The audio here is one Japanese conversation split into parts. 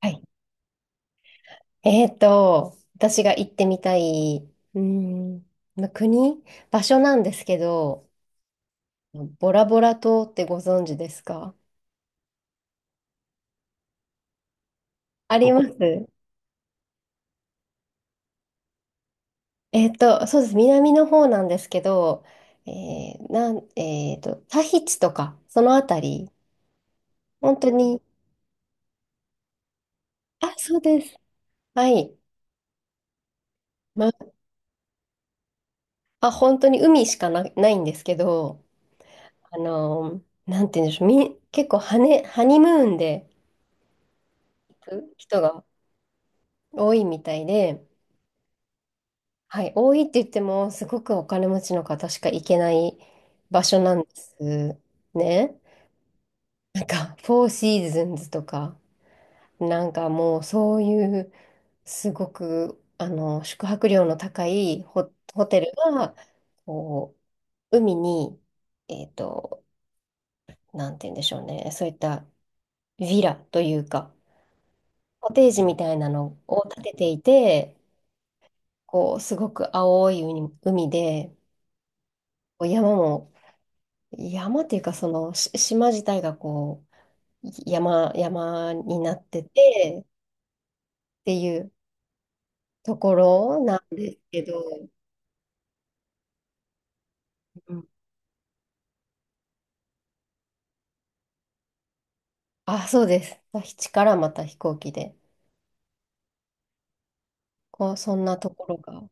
はい。私が行ってみたい、うーん、まあ国、場所なんですけど、ボラボラ島ってご存知ですか？あります。そうです。南の方なんですけど、えーなん、えーと、タヒチとか、そのあたり、本当に、あ、そうです。はい。まあ、本当に海しかな、ないんですけど、あのなんて言うんでしょう、結構ハニムーンで行く人が多いみたいで、はい、多いって言っても、すごくお金持ちの方しか行けない場所なんですね。なんか、フォーシーズンズとか、なんかもうそういう、すごく、宿泊料の高いホテルが、こう、海に、えっと、なんて言うんでしょうね、そういったヴィラというか、コテージみたいなのを建てていて、こう、すごく青い海で、こう山も山っていうか、その、島自体がこう、山になってて、っていうところなんですけど、うん。あ、そうです。基地からまた飛行機で、こう、そんなところが、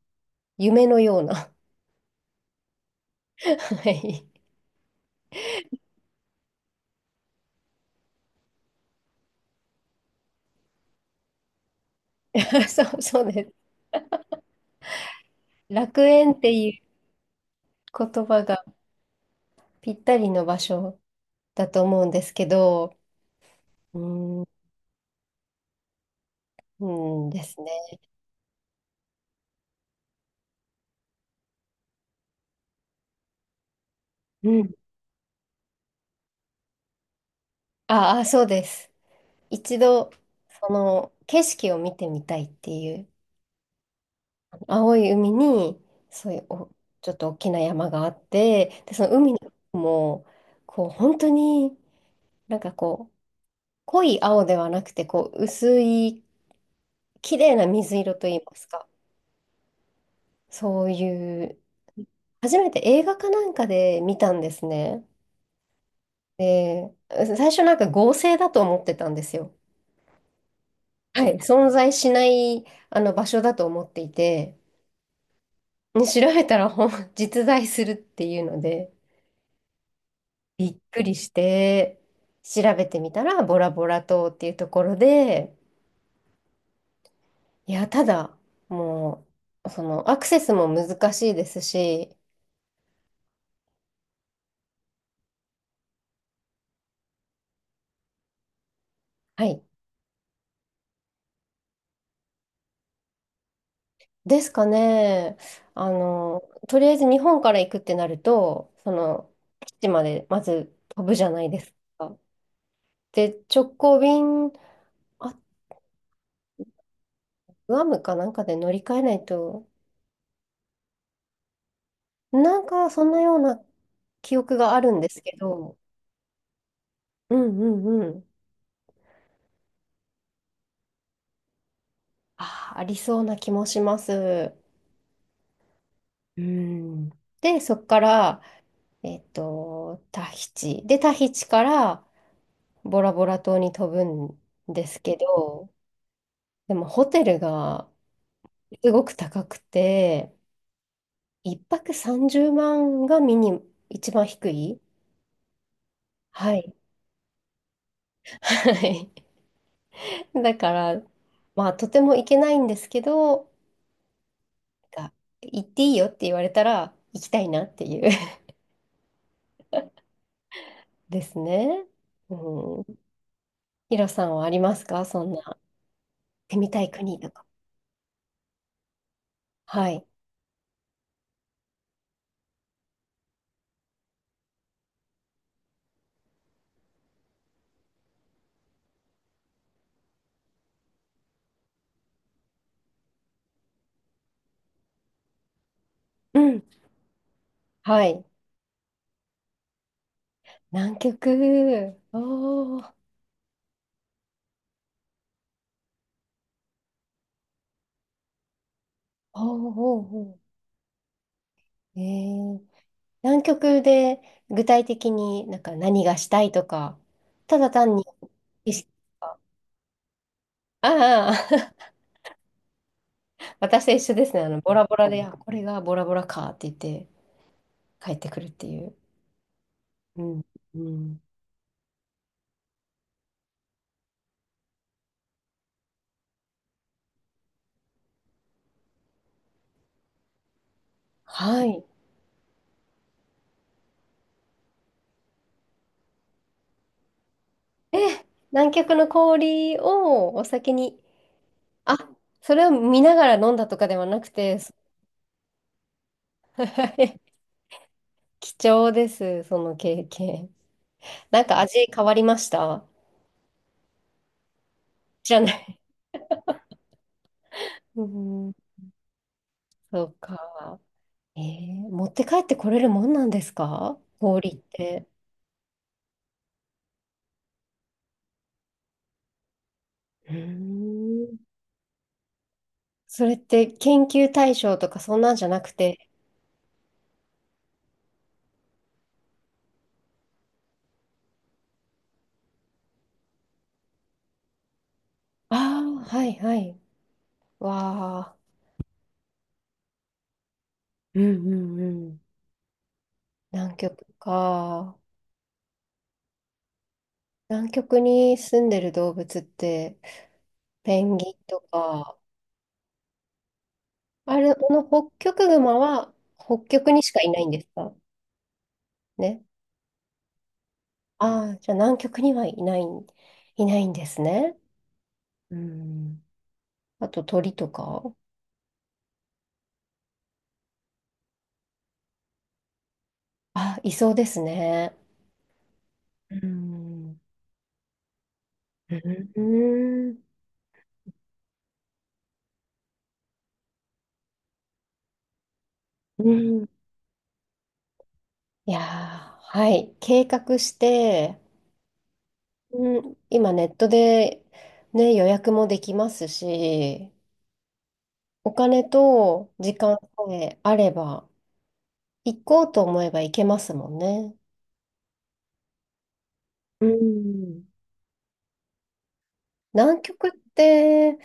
夢のような。はい。そう、そうです。楽園っていう言葉がぴったりの場所だと思うんですけど、うーん、うんですね。うん。ああ、そうです。一度、その景色を見てみたいっていう青い海に、そういうちょっと大きな山があって、で、その海の色も、こう、本当になんかこう、濃い青ではなくて、こう、薄い、綺麗な水色といいますか、そういう、初めて映画かなんかで見たんですね。で、最初なんか合成だと思ってたんですよ。はい、存在しないあの場所だと思っていて、ね調べたら実在するっていうので、びっくりして、調べてみたら、ボラボラ島っていうところで、いや、ただ、もう、その、アクセスも難しいですし、はい。ですかね。あの、とりあえず日本から行くってなると、その、基地までまず飛ぶじゃないですか。で、直行便、あ、グアムかなんかで乗り換えないと、なんか、そんなような記憶があるんですけど、うんうんうん。あー、ありそうな気もします。うん。で、そこから、タヒチ。で、タヒチからボラボラ島に飛ぶんですけど、でもホテルがすごく高くて、一泊30万が一番低い。はい。はい だから、まあ、とても行けないんですけど、が行っていいよって言われたら行きたいなっていう ですね。うん。ヒロさんはありますか？そんな、行ってみたい国とか。はい。うん。はい。南極。おー。おーおーおー。ー、南極で具体的になんか何がしたいとか、ただ単に景色とか、ああ、私と一緒ですね。ボラボラで、あ、これがボラボラかって言って帰ってくるっていう。うん。うん。はい。え、南極の氷をお酒に。あ、それを見ながら飲んだとかではなくて、貴重です、その経験。なんか味変わりました？じゃない。うん、そうか。持って帰ってこれるもんなんですか？氷って。うーん。それって研究対象とかそんなんじゃなくて。ああ、はいはい。わあ。うんうんうん。南極か。南極に住んでる動物って、ペンギンとか、あれ、この北極熊は北極にしかいないんですかね。ああ、じゃあ南極にはいない、んですね。うん。あと鳥とか。あ、いそうですね。うん。うん。うん。いやー、はい。計画して、うん、今ネットで、ね、予約もできますし、お金と時間さえあれば、行こうと思えば行けますもんね。うん。南極って、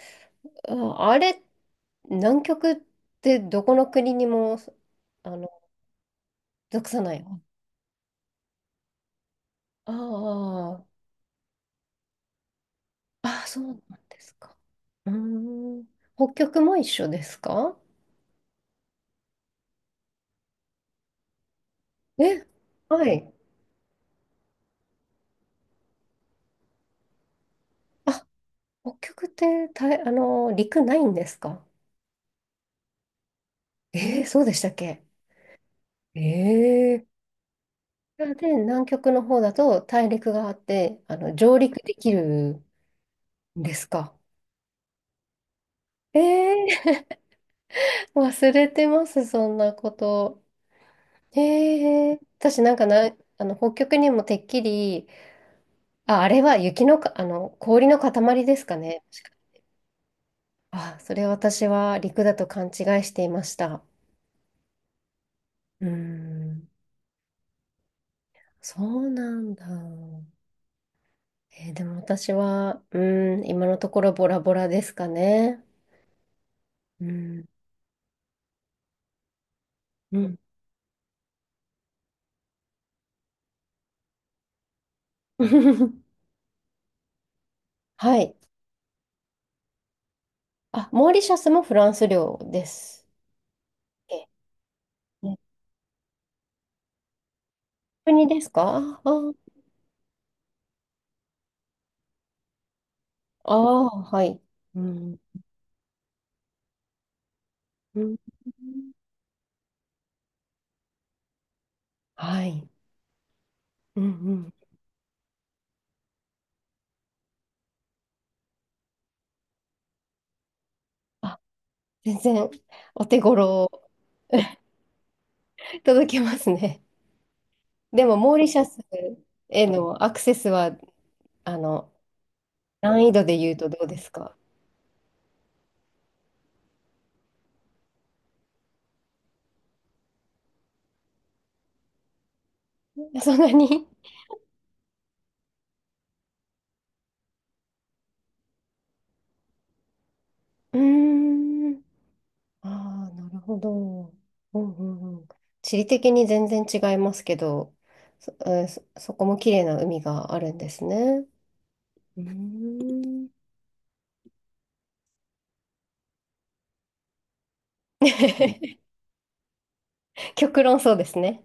ああれ、南極ってどこの国にも、あの、属さないの？ああ、ああ、そうなんですか。うーん。北極も一緒ですか？え、はい。あ、北極って陸ないんですか？えー、そうでしたっけ？ええー。で、南極の方だと大陸があって、上陸できるんですか？ええー、忘れてます、そんなこと。へえ私なんかな、北極にもてっきり、あ、あれは雪のか、氷の塊ですかね。確か。あ、それ私は陸だと勘違いしていました。うーん、そうなんだ。でも私は、今のところボラボラですかね。うん、うん。はい。あ、モーリシャスもフランス領です。え、ね、国ですか？ああー、はい。うん。うん。はい。うんうん。あ、全然お手頃。届きますね。でも、モーリシャスへのアクセスは、あの、難易度で言うとどうですか？ そんなに。うーん。ああ、なるほど。うんうんうん。地理的に全然違いますけど、そ、えーそそこも綺麗な海があるんですね。うーん。極論そうですね。